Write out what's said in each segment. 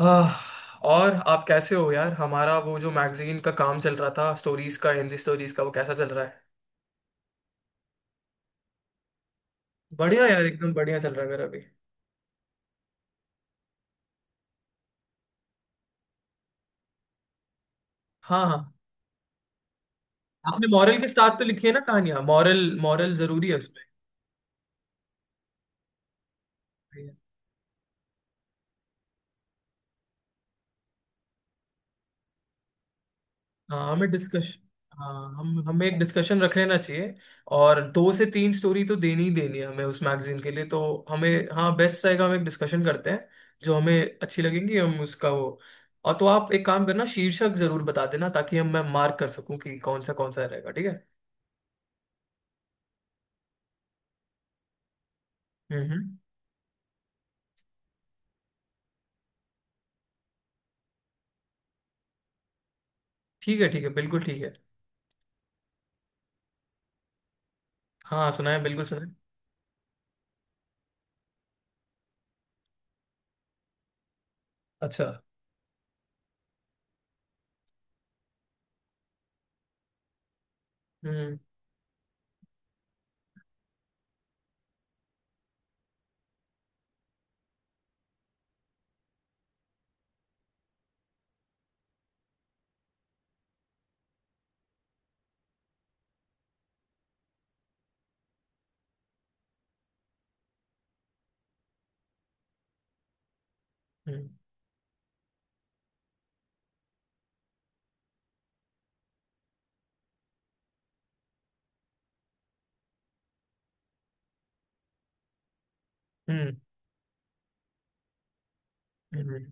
आह, और आप कैसे हो, यार? हमारा वो जो मैगजीन का काम चल रहा था, स्टोरीज का, हिंदी स्टोरीज का, वो कैसा चल रहा है? बढ़िया यार, एकदम बढ़िया चल रहा है मेरा अभी। हाँ हाँ, आपने मॉरल के साथ तो लिखी है ना कहानियां? मॉरल, मॉरल जरूरी है उसमें। हाँ, हमें डिस्कशन। हाँ, हम हमें एक डिस्कशन रख लेना चाहिए। और दो से तीन स्टोरी तो देनी ही देनी है हमें उस मैगजीन के लिए तो। हमें, हाँ बेस्ट रहेगा, हम एक डिस्कशन करते हैं। जो हमें अच्छी लगेंगी हम उसका वो। और तो आप एक काम करना, शीर्षक जरूर बता देना ताकि हम, मैं मार्क कर सकूं कि कौन सा रहेगा। ठीक है? हम्म हम्म। ठीक है ठीक है, बिल्कुल ठीक है। हाँ सुनाए, बिल्कुल सुनाए। अच्छा। हम्म। हम्म। हम्म। हम्म।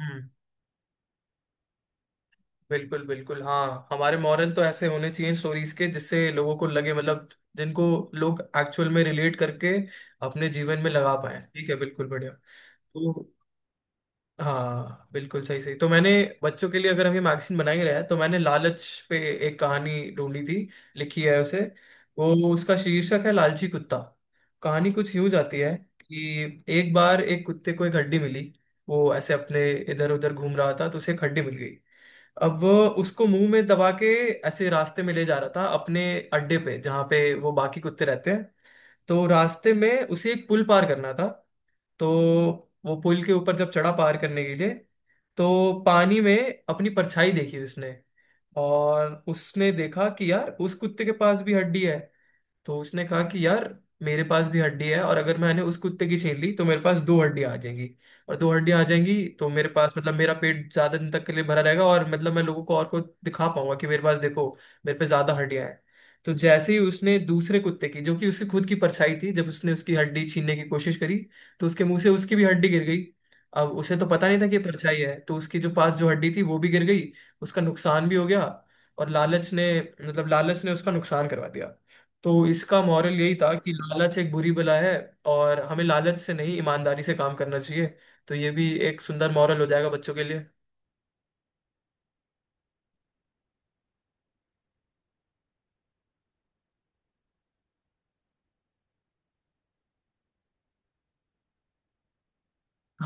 हम्म। बिल्कुल बिल्कुल, हाँ, हमारे मॉरल तो ऐसे होने चाहिए स्टोरीज के, जिससे लोगों को लगे, मतलब जिनको लोग एक्चुअल में रिलेट करके अपने जीवन में लगा पाए। ठीक है, बिल्कुल बढ़िया। तो हाँ, बिल्कुल सही सही। तो मैंने बच्चों के लिए, अगर हम ये मैगजीन बना ही रहे हैं, तो मैंने लालच पे एक कहानी ढूंढी थी, लिखी है उसे। वो, उसका शीर्षक है लालची कुत्ता। कहानी कुछ यूं जाती है कि एक बार एक कुत्ते को एक हड्डी मिली। वो ऐसे अपने इधर उधर घूम रहा था, तो उसे एक हड्डी मिल गई। अब वो उसको मुंह में दबा के ऐसे रास्ते में ले जा रहा था, अपने अड्डे पे जहाँ पे वो बाकी कुत्ते रहते हैं। तो रास्ते में उसे एक पुल पार करना था। तो वो पुल के ऊपर जब चढ़ा पार करने के लिए, तो पानी में अपनी परछाई देखी उसने। और उसने देखा कि यार, उस कुत्ते के पास भी हड्डी है। तो उसने कहा कि यार, मेरे पास भी हड्डी है, और अगर मैंने उस कुत्ते की छीन ली तो मेरे पास दो हड्डियां आ जाएंगी। और दो हड्डियां आ जाएंगी तो मेरे पास, मतलब मेरा पेट ज्यादा दिन तक के लिए भरा रहेगा, और मतलब मैं लोगों को और को दिखा पाऊंगा कि मेरे पास देखो, मेरे पे ज्यादा हड्डियां हैं। तो जैसे ही उसने दूसरे कुत्ते की, जो कि उसकी खुद की परछाई थी, जब उसने उसकी हड्डी छीनने की कोशिश करी, तो उसके मुंह से उसकी भी हड्डी गिर गई। अब उसे तो पता नहीं था कि ये परछाई है, तो उसकी जो पास जो हड्डी थी वो भी गिर गई। उसका नुकसान भी हो गया। और लालच ने, मतलब लालच ने उसका नुकसान करवा दिया। तो इसका मॉरल यही था कि लालच एक बुरी बला है, और हमें लालच से नहीं ईमानदारी से काम करना चाहिए। तो ये भी एक सुंदर मॉरल हो जाएगा बच्चों के लिए।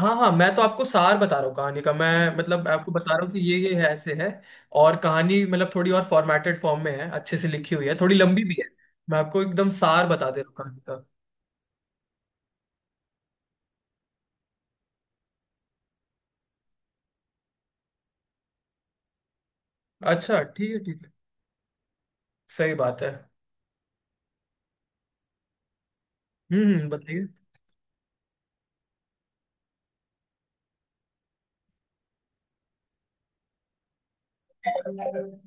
हाँ हाँ, मैं तो आपको सार बता रहा हूँ कहानी का। मैं मतलब आपको बता रहा हूँ कि ये है, ऐसे है। और कहानी मतलब थोड़ी और फॉर्मेटेड फॉर्म में है, अच्छे से लिखी हुई है, थोड़ी लंबी भी है। मैं आपको एकदम सार बता दे रहा हूँ कहानी का। अच्छा ठीक है ठीक है। सही बात है। बताइए। हम्म।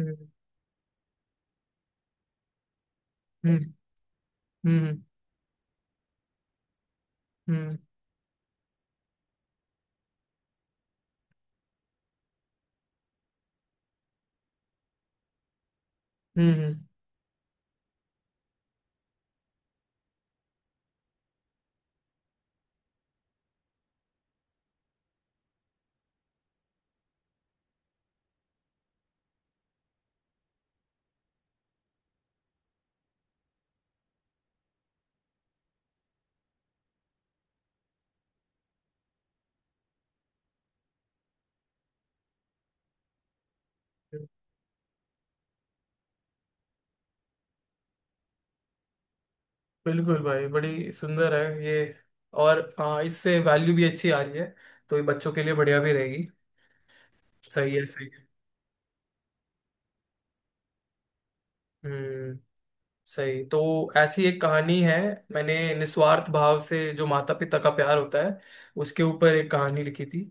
हम्म। हम्म। हम्म। हम्म हम्म, हम्म। बिल्कुल भाई, बड़ी सुंदर है ये। और हाँ, इससे वैल्यू भी अच्छी आ रही है, तो ये बच्चों के लिए बढ़िया भी रहेगी। सही है सही है। हम्म। सही। तो ऐसी एक कहानी है, मैंने निस्वार्थ भाव से जो माता पिता का प्यार होता है, उसके ऊपर एक कहानी लिखी थी।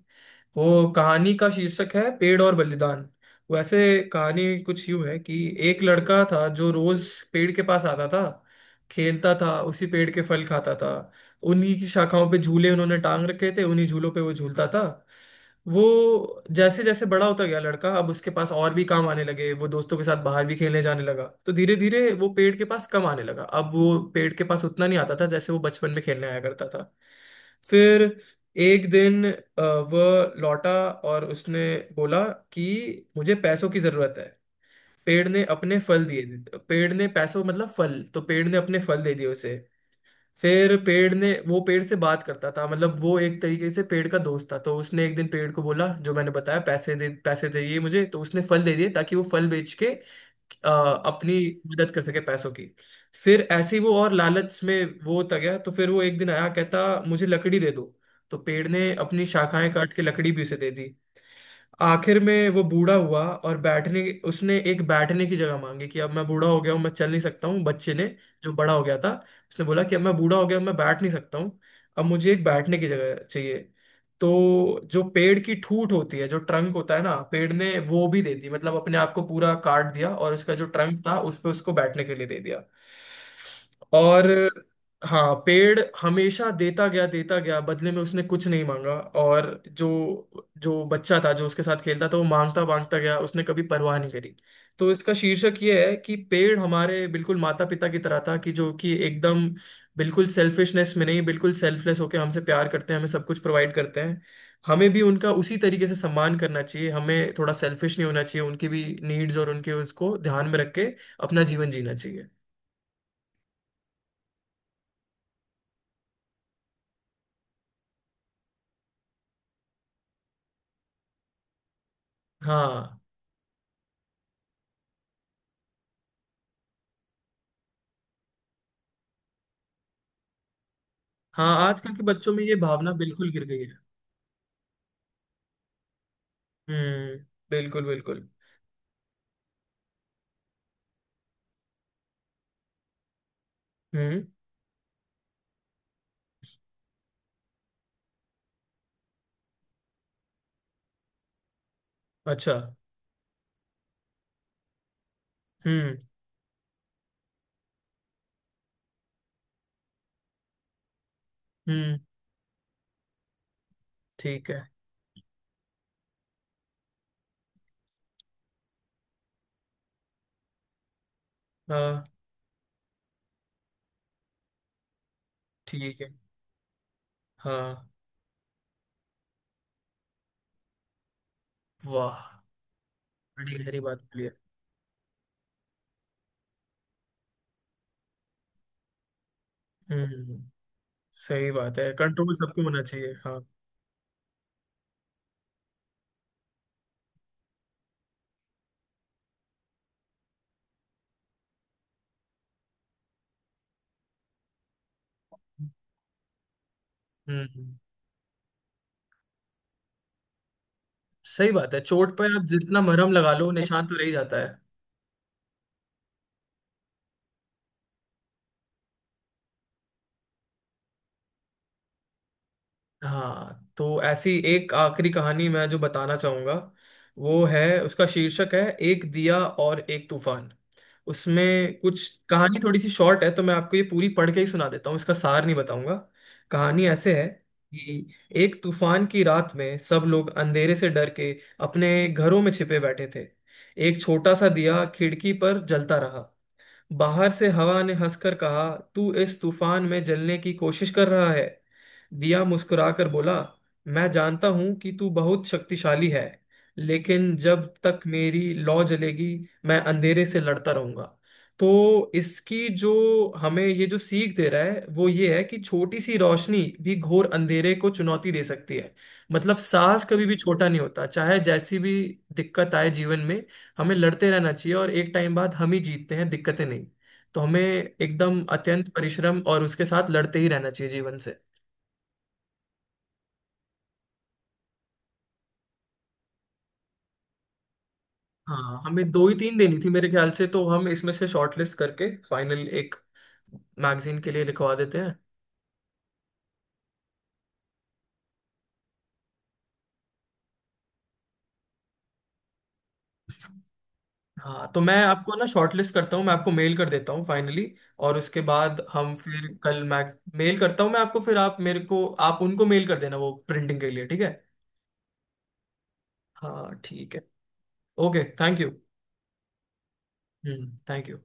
वो कहानी का शीर्षक है पेड़ और बलिदान। वैसे कहानी कुछ यूं है कि एक लड़का था जो रोज पेड़ के पास आता था, खेलता था, उसी पेड़ के फल खाता था। उन्हीं की शाखाओं पे झूले उन्होंने टांग रखे थे, उन्हीं झूलों पे वो झूलता था। वो जैसे जैसे बड़ा होता गया लड़का, अब उसके पास और भी काम आने लगे, वो दोस्तों के साथ बाहर भी खेलने जाने लगा, तो धीरे धीरे वो पेड़ के पास कम आने लगा। अब वो पेड़ के पास उतना नहीं आता था जैसे वो बचपन में खेलने आया करता था। फिर एक दिन वह लौटा, और उसने बोला कि मुझे पैसों की जरूरत है। पेड़ ने अपने फल दिए। पेड़ ने पैसों, मतलब फल, तो पेड़ ने अपने फल दे दिए उसे। फिर पेड़ ने, वो पेड़ से बात करता था, मतलब वो एक तरीके से पेड़ का दोस्त था। तो उसने एक दिन पेड़ को बोला, जो मैंने बताया, पैसे दे, पैसे चाहिए मुझे, तो उसने फल दे दिए ताकि वो फल बेच के अ, अपनी मदद कर सके पैसों की। फिर ऐसे ही वो और लालच में वो होता गया, तो फिर वो एक दिन आया कहता मुझे लकड़ी दे दो। तो पेड़ ने अपनी शाखाएं काट के लकड़ी भी उसे दे दी। आखिर में वो बूढ़ा हुआ और बैठने, उसने एक बैठने की जगह मांगी कि अब मैं बूढ़ा हो गया हूँ, मैं चल नहीं सकता हूँ। बच्चे ने, जो बड़ा हो गया था, उसने बोला कि अब मैं बूढ़ा हो गया हूं, मैं बैठ नहीं सकता हूँ, अब मुझे एक बैठने की जगह चाहिए। तो जो पेड़ की ठूट होती है, जो ट्रंक होता है ना, पेड़ ने वो भी दे दी, मतलब अपने आप को पूरा काट दिया, और उसका जो ट्रंक था उस पर उसको बैठने के लिए दे दिया। और हाँ, पेड़ हमेशा देता गया देता गया, बदले में उसने कुछ नहीं मांगा। और जो, जो बच्चा था जो उसके साथ खेलता था, वो मांगता मांगता गया, उसने कभी परवाह नहीं करी। तो इसका शीर्षक ये है कि पेड़ हमारे बिल्कुल माता पिता की तरह था, कि जो कि एकदम बिल्कुल सेल्फिशनेस में नहीं, बिल्कुल सेल्फलेस होके हमसे प्यार करते हैं, हमें सब कुछ प्रोवाइड करते हैं। हमें भी उनका उसी तरीके से सम्मान करना चाहिए, हमें थोड़ा सेल्फिश नहीं होना चाहिए, उनकी भी नीड्स और उनके उसको ध्यान में रख के अपना जीवन जीना चाहिए। हाँ। हाँ, आजकल के बच्चों में ये भावना बिल्कुल गिर गई है। हम्म, बिल्कुल बिल्कुल। हम्म। अच्छा। हम्म। हम्म। ठीक है। हाँ। ठीक है। हाँ। वाह। बड़ी गहरी बात बोली है। हम्म। सही बात है, कंट्रोल सबको होना चाहिए। हाँ। हम्म। सही बात है, चोट पर आप जितना मरहम लगा लो निशान तो रह ही जाता है। हाँ, तो ऐसी एक आखिरी कहानी मैं जो बताना चाहूंगा, वो है, उसका शीर्षक है एक दिया और एक तूफान। उसमें कुछ कहानी थोड़ी सी शॉर्ट है, तो मैं आपको ये पूरी पढ़ के ही सुना देता हूँ, इसका सार नहीं बताऊंगा। कहानी ऐसे है कि एक तूफान की रात में सब लोग अंधेरे से डर के अपने घरों में छिपे बैठे थे। एक छोटा सा दिया खिड़की पर जलता रहा। बाहर से हवा ने हंसकर कहा, तू इस तूफान में जलने की कोशिश कर रहा है? दिया मुस्कुराकर बोला, मैं जानता हूं कि तू बहुत शक्तिशाली है, लेकिन जब तक मेरी लौ जलेगी मैं अंधेरे से लड़ता रहूंगा। तो इसकी जो, हमें ये जो सीख दे रहा है वो ये है कि छोटी सी रोशनी भी घोर अंधेरे को चुनौती दे सकती है। मतलब साहस कभी भी छोटा नहीं होता, चाहे जैसी भी दिक्कत आए जीवन में हमें लड़ते रहना चाहिए, और एक टाइम बाद हम ही जीतते हैं दिक्कतें नहीं। तो हमें एकदम अत्यंत परिश्रम और उसके साथ लड़ते ही रहना चाहिए जीवन से। हाँ, हमें दो ही तीन देनी थी मेरे ख्याल से, तो हम इसमें से शॉर्टलिस्ट करके फाइनल एक मैगजीन के लिए लिखवा देते हैं। हाँ, तो मैं आपको ना शॉर्टलिस्ट करता हूँ, मैं आपको मेल कर देता हूँ फाइनली, और उसके बाद हम फिर कल मैग, मेल करता हूँ मैं आपको, फिर आप मेरे को, आप उनको मेल कर देना वो प्रिंटिंग के लिए। ठीक है? हाँ ठीक है। Okay, thank you. Hmm, thank you.